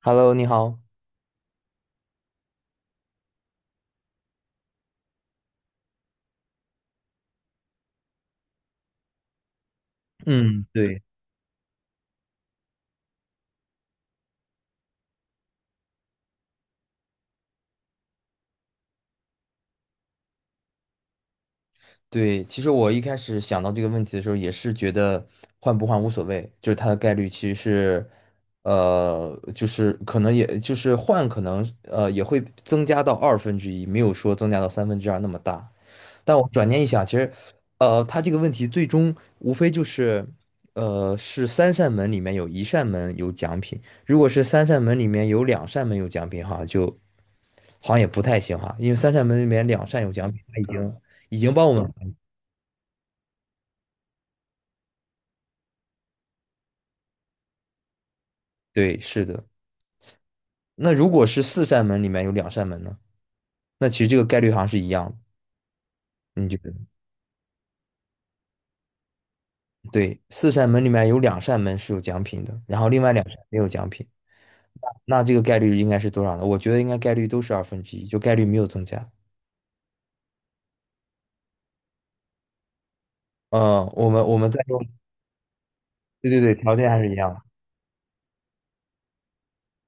Hello，你好。嗯，对，对，其实我一开始想到这个问题的时候，也是觉得换不换无所谓，就是它的概率其实是，就是可能也就是换，可能也会增加到二分之一，没有说增加到三分之二那么大。但我转念一想，其实，它这个问题最终无非就是，是三扇门里面有一扇门有奖品。如果是三扇门里面有两扇门有奖品，哈，就好像也不太行哈，因为三扇门里面两扇有奖品，它已经帮我们。对，是的。那如果是四扇门里面有两扇门呢？那其实这个概率好像是一样的。你觉得？对，四扇门里面有两扇门是有奖品的，然后另外两扇没有奖品，那这个概率应该是多少呢？我觉得应该概率都是二分之一，就概率没有增加。嗯，我们再用，对对对，条件还是一样的。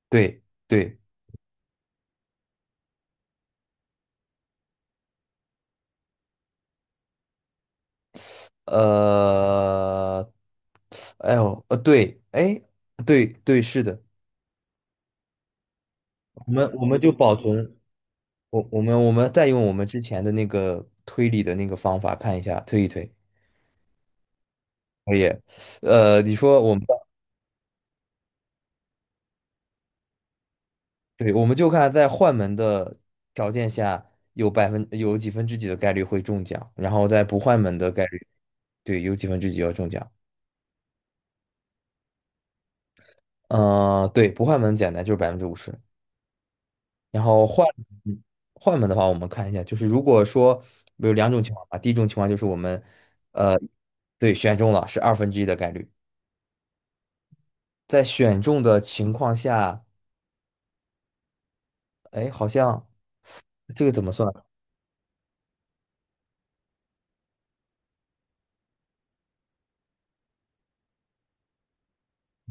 对对，呃，哎呦，对，哎，对对，是的，我们就保存，我们再用我们之前的那个推理的那个方法看一下，推一推，可以。你说我们对，我们就看在换门的条件下有几分之几的概率会中奖，然后在不换门的概率，对，有几分之几要中奖。嗯，对，不换门简单，就是百分之五十。然后嗯换门的话，我们看一下，就是如果说有两种情况吧，第一种情况就是我们呃对选中了是二分之一的概率。在选中的情况下，哎，好像这个怎么算？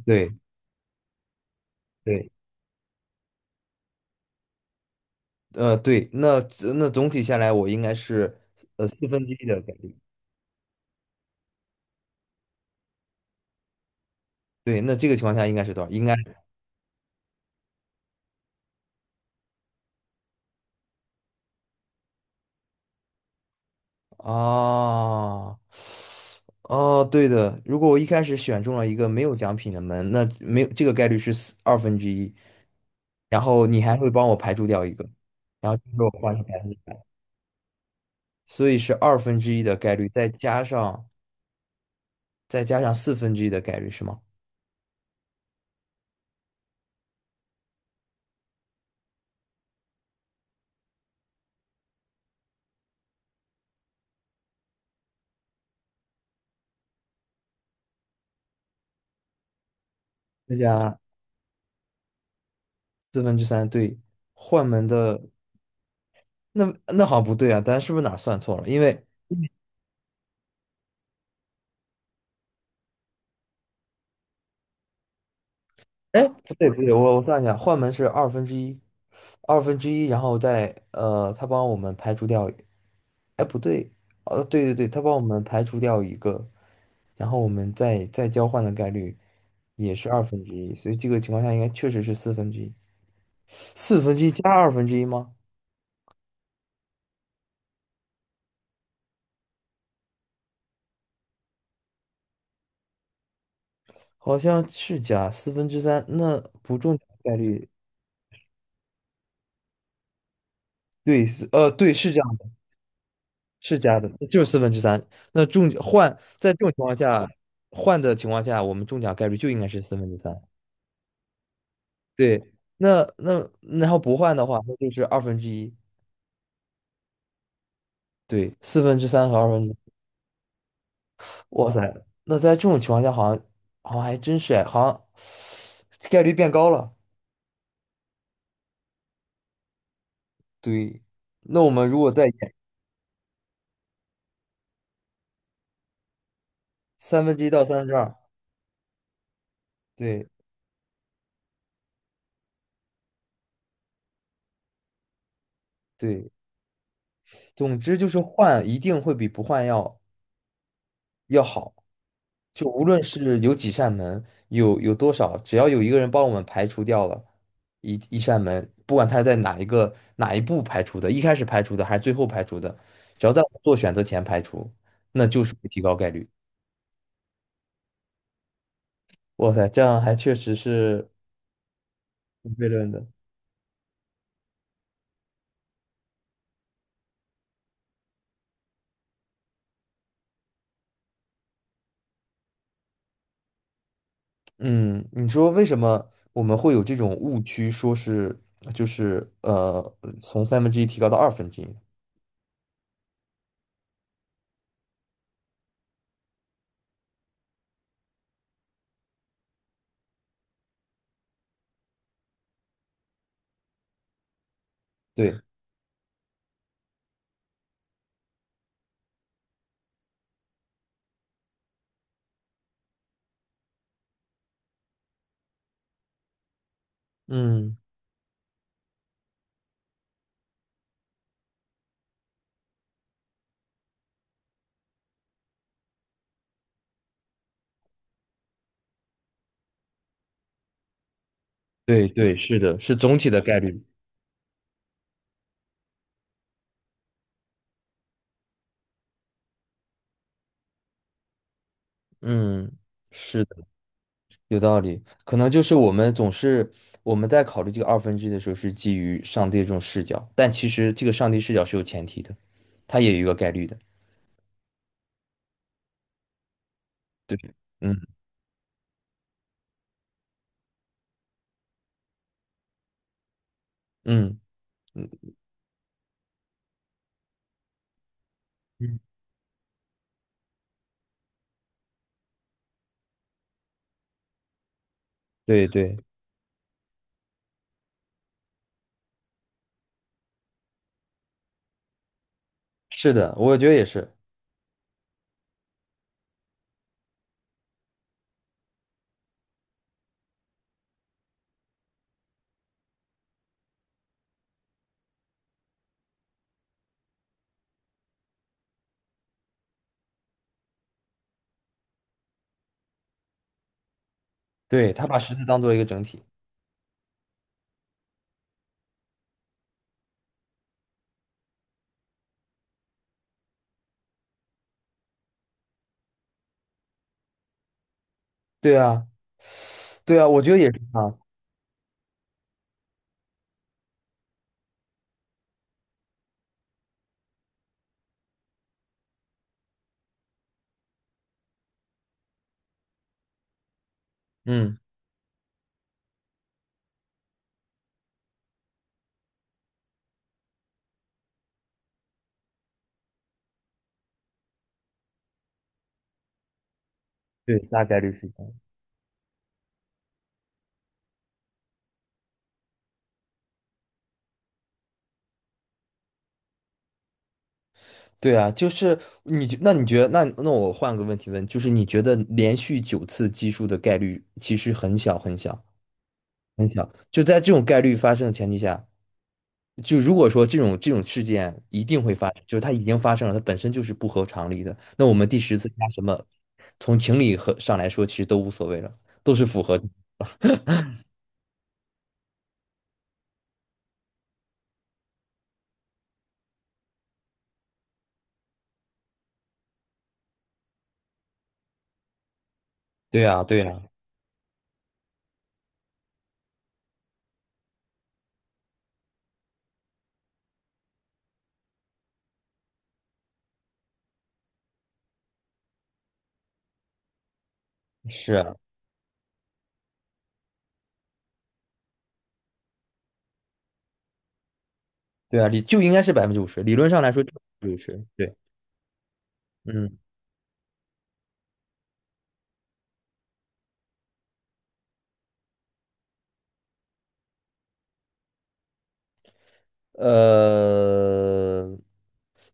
对对，对，那总体下来，我应该是四分之一的概率。对，那这个情况下应该是多少？应该啊，哦，哦对的。如果我一开始选中了一个没有奖品的门，那没有这个概率是二分之一，然后你还会帮我排除掉一个，然后就是我换成百分之，所以是二分之一的概率，再加上四分之一的概率是吗？再加四分之三对，换门的那那好像不对啊，咱是不是哪儿算错了？因为哎，不对不对，我算一下，换门是二分之一，二分之一，然后再他帮我们排除掉，哎不对，对对对，他帮我们排除掉一个，然后我们再交换的概率也是二分之一，所以这个情况下应该确实是四分之一，四分之一加二分之一吗？好像是加四分之三，那不中奖概率对是这样。是加的，就是四分之三。那中换在这种情况下，换的情况下，我们中奖概率就应该是四分之三。对，那然后不换的话，那就是二分之一。对，四分之三和二分之一，哇塞，那在这种情况下，好像还真是哎，好像概率变高了。对，那我们如果再演三分之一到三分之二，对对，总之就是换一定会比不换要好。就无论是有几扇门，有多少，只要有一个人帮我们排除掉了一扇门，不管他是在哪一步排除的，一开始排除的还是最后排除的，只要在我们做选择前排除，那就是会提高概率。哇塞，这样还确实是有悖论的。嗯，你说为什么我们会有这种误区，说是就是从三分之一提高到二分之一？对，嗯，对对，是的，是总体的概率。嗯，是的，有道理。可能就是我们在考虑这个二分之一的时候，是基于上帝这种视角，但其实这个上帝视角是有前提的，它也有一个概率的。嗯嗯嗯嗯，对对，是的，我觉得也是。对，他把十字当做一个整体。对啊，对啊，我觉得也是啊。嗯，对，大概率是这样。对啊，就是那你觉得，那我换个问题问，就是你觉得连续九次奇数的概率其实很小很小。很小，就在这种概率发生的前提下，就如果说这种事件一定会发生，就是它已经发生了，它本身就是不合常理的，那我们第十次加什么，从情理和上来说，其实都无所谓了，都是符合。对啊，对啊，是啊，对啊，就应该是百分之五十，理论上来说就是百分之五十，对，嗯，呃，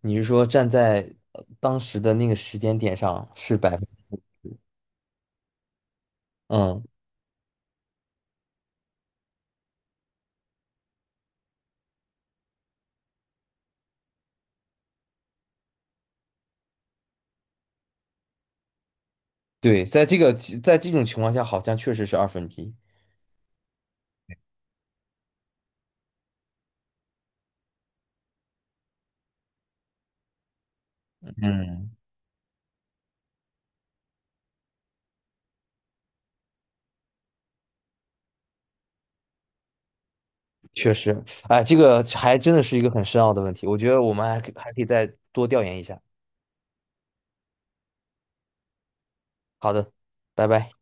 你是说站在当时的那个时间点上是百分，嗯，对，在这种情况下，好像确实是二分之一，嗯。确实，哎，这个还真的是一个很深奥的问题，我觉得我们还可以再多调研一下。好的，拜拜。